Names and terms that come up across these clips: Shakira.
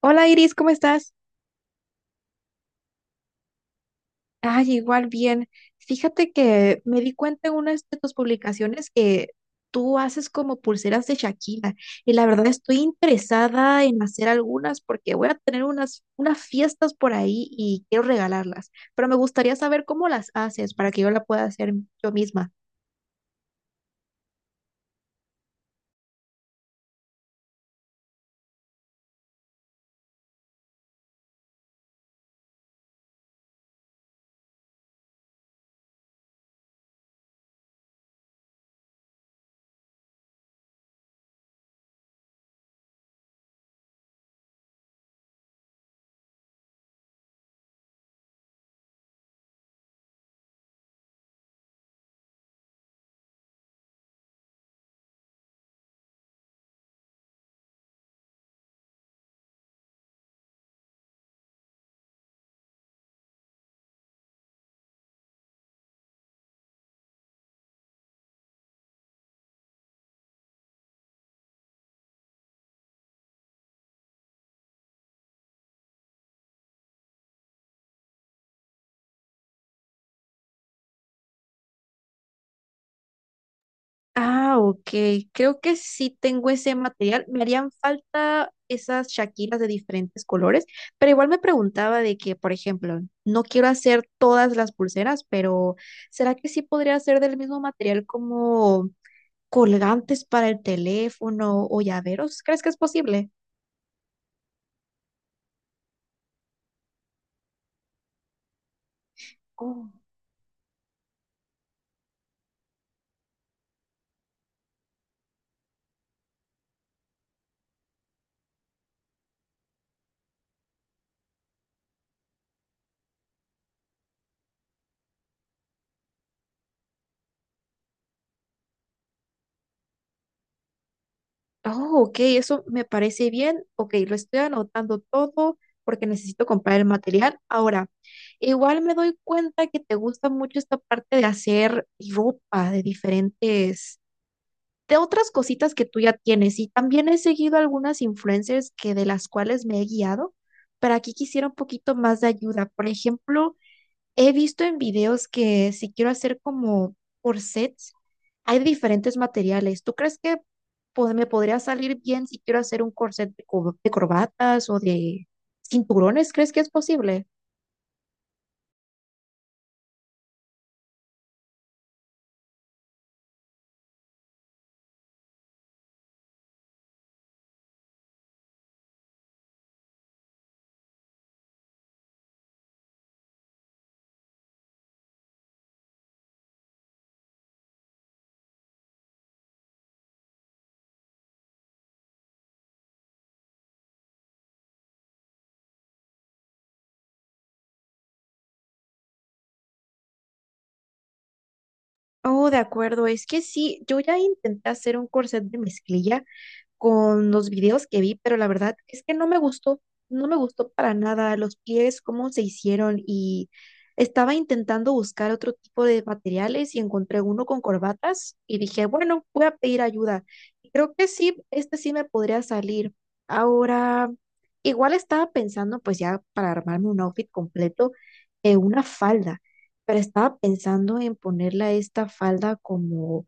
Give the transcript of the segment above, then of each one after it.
Hola Iris, ¿cómo estás? Ay, igual bien. Fíjate que me di cuenta en una de tus publicaciones que tú haces como pulseras de Shakira y la verdad estoy interesada en hacer algunas porque voy a tener unas fiestas por ahí y quiero regalarlas, pero me gustaría saber cómo las haces para que yo la pueda hacer yo misma. Ah, ok. Creo que sí tengo ese material. Me harían falta esas shakiras de diferentes colores, pero igual me preguntaba de que, por ejemplo, no quiero hacer todas las pulseras, pero ¿será que sí podría hacer del mismo material como colgantes para el teléfono o llaveros? ¿Crees que es posible? Oh, ok, eso me parece bien. Ok, lo estoy anotando todo porque necesito comprar el material. Ahora, igual me doy cuenta que te gusta mucho esta parte de hacer ropa de diferentes, de otras cositas que tú ya tienes. Y también he seguido algunas influencers que de las cuales me he guiado, pero aquí quisiera un poquito más de ayuda. Por ejemplo, he visto en videos que si quiero hacer como corsets, hay diferentes materiales. ¿Tú crees que me podría salir bien si quiero hacer un corset de, de corbatas o de cinturones? ¿Crees que es posible? Oh, de acuerdo. Es que sí, yo ya intenté hacer un corset de mezclilla con los videos que vi, pero la verdad es que no me gustó, no me gustó para nada los pies, cómo se hicieron y estaba intentando buscar otro tipo de materiales y encontré uno con corbatas y dije, bueno, voy a pedir ayuda. Y creo que sí, este sí me podría salir. Ahora, igual estaba pensando, pues ya para armarme un outfit completo, una falda, pero estaba pensando en ponerle a esta falda como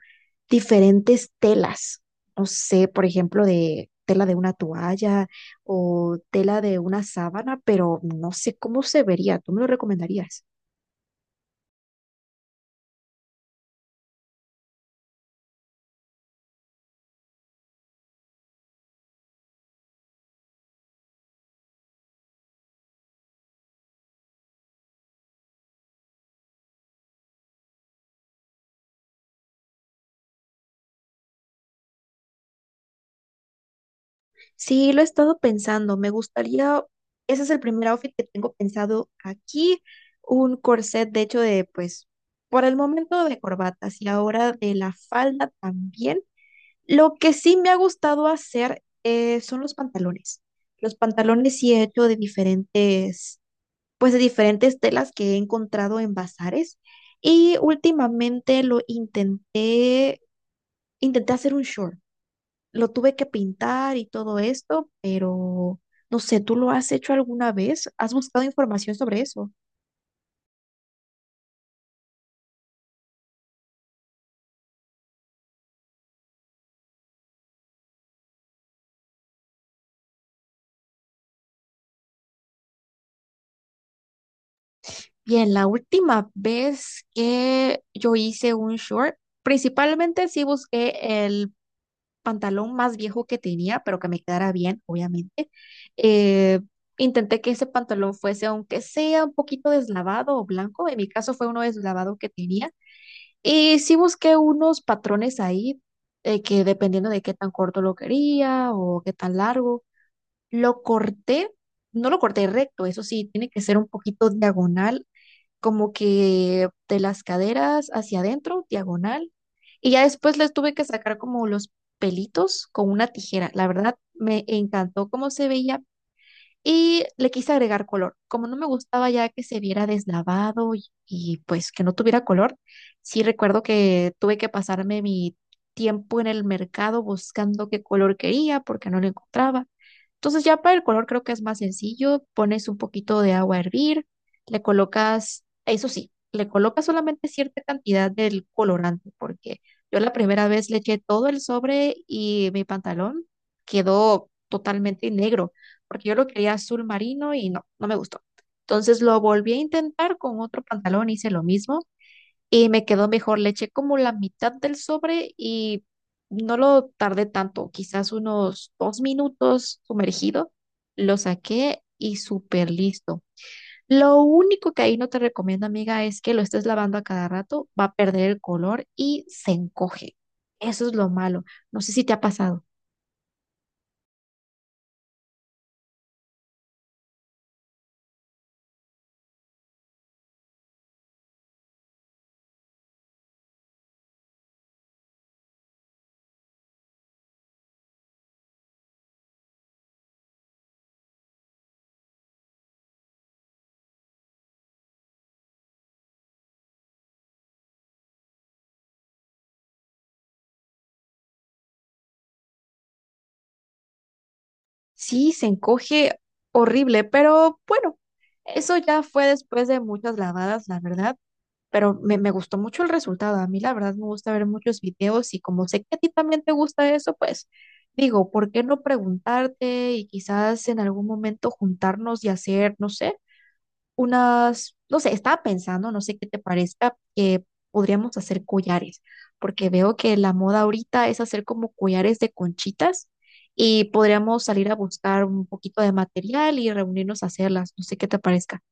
diferentes telas, no sé, por ejemplo, de tela de una toalla o tela de una sábana, pero no sé cómo se vería. ¿Tú me lo recomendarías? Sí, lo he estado pensando. Me gustaría, ese es el primer outfit que tengo pensado aquí, un corset, de hecho, de pues, por el momento de corbatas y ahora de la falda también. Lo que sí me ha gustado hacer son los pantalones. Los pantalones sí he hecho de diferentes, pues de diferentes telas que he encontrado en bazares y últimamente lo intenté, intenté hacer un short. Lo tuve que pintar y todo esto, pero no sé, ¿tú lo has hecho alguna vez? ¿Has buscado información sobre eso? Bien, la última vez que yo hice un short, principalmente sí busqué el pantalón más viejo que tenía, pero que me quedara bien, obviamente. Eh, intenté que ese pantalón fuese, aunque sea un poquito deslavado o blanco, en mi caso fue uno deslavado que tenía. Y sí busqué unos patrones ahí, que dependiendo de qué tan corto lo quería o qué tan largo, lo corté. No lo corté recto, eso sí, tiene que ser un poquito diagonal, como que de las caderas hacia adentro, diagonal. Y ya después les tuve que sacar como los pelitos con una tijera. La verdad, me encantó cómo se veía y le quise agregar color. Como no me gustaba ya que se viera deslavado y pues que no tuviera color, sí recuerdo que tuve que pasarme mi tiempo en el mercado buscando qué color quería porque no lo encontraba. Entonces ya para el color creo que es más sencillo, pones un poquito de agua a hervir, le colocas, eso sí, le colocas solamente cierta cantidad del colorante, porque yo la primera vez le eché todo el sobre y mi pantalón quedó totalmente negro, porque yo lo quería azul marino y no, no me gustó. Entonces lo volví a intentar con otro pantalón, hice lo mismo y me quedó mejor. Le eché como la mitad del sobre y no lo tardé tanto, quizás unos dos minutos sumergido. Lo saqué y súper listo. Lo único que ahí no te recomiendo, amiga, es que lo estés lavando a cada rato, va a perder el color y se encoge. Eso es lo malo. No sé si te ha pasado. Sí, se encoge horrible, pero bueno, eso ya fue después de muchas lavadas, la verdad. Pero me gustó mucho el resultado. A mí la verdad me gusta ver muchos videos y como sé que a ti también te gusta eso, pues digo, ¿por qué no preguntarte y quizás en algún momento juntarnos y hacer, no sé, unas, no sé, estaba pensando, no sé qué te parezca, que podríamos hacer collares, porque veo que la moda ahorita es hacer como collares de conchitas. Y podríamos salir a buscar un poquito de material y reunirnos a hacerlas. No sé qué te parezca.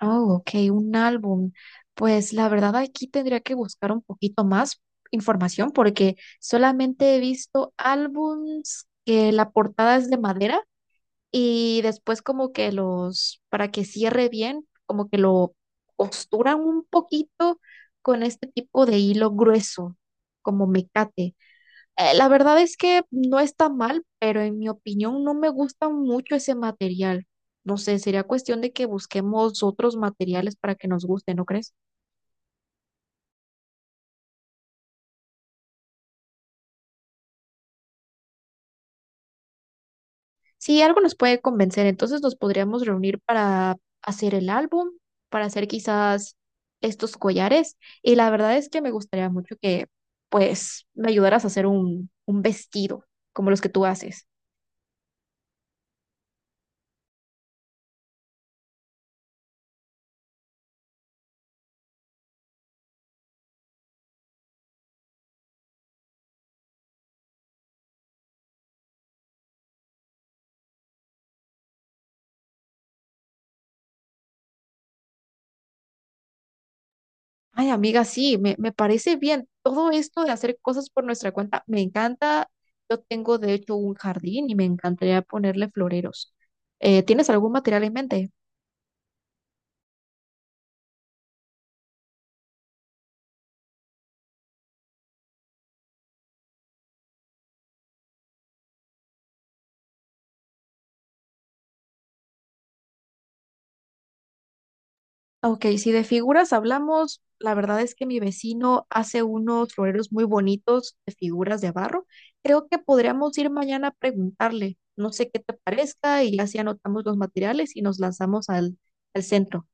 Oh, ok, un álbum. Pues la verdad aquí tendría que buscar un poquito más información porque solamente he visto álbums que la portada es de madera y después como que los, para que cierre bien, como que lo costuran un poquito con este tipo de hilo grueso, como mecate. La verdad es que no está mal, pero en mi opinión no me gusta mucho ese material. No sé, sería cuestión de que busquemos otros materiales para que nos guste, ¿no crees? Si algo nos puede convencer, entonces nos podríamos reunir para hacer el álbum, para hacer quizás estos collares. Y la verdad es que me gustaría mucho que, pues, me ayudaras a hacer un vestido como los que tú haces. Ay, amiga, sí, me parece bien. Todo esto de hacer cosas por nuestra cuenta me encanta. Yo tengo, de hecho, un jardín y me encantaría ponerle floreros. ¿Tienes algún material en mente? Ok, si de figuras hablamos, la verdad es que mi vecino hace unos floreros muy bonitos de figuras de barro. Creo que podríamos ir mañana a preguntarle. No sé qué te parezca y así anotamos los materiales y nos lanzamos al, al centro.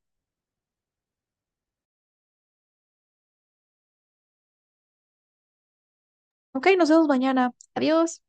Ok, nos vemos mañana. Adiós.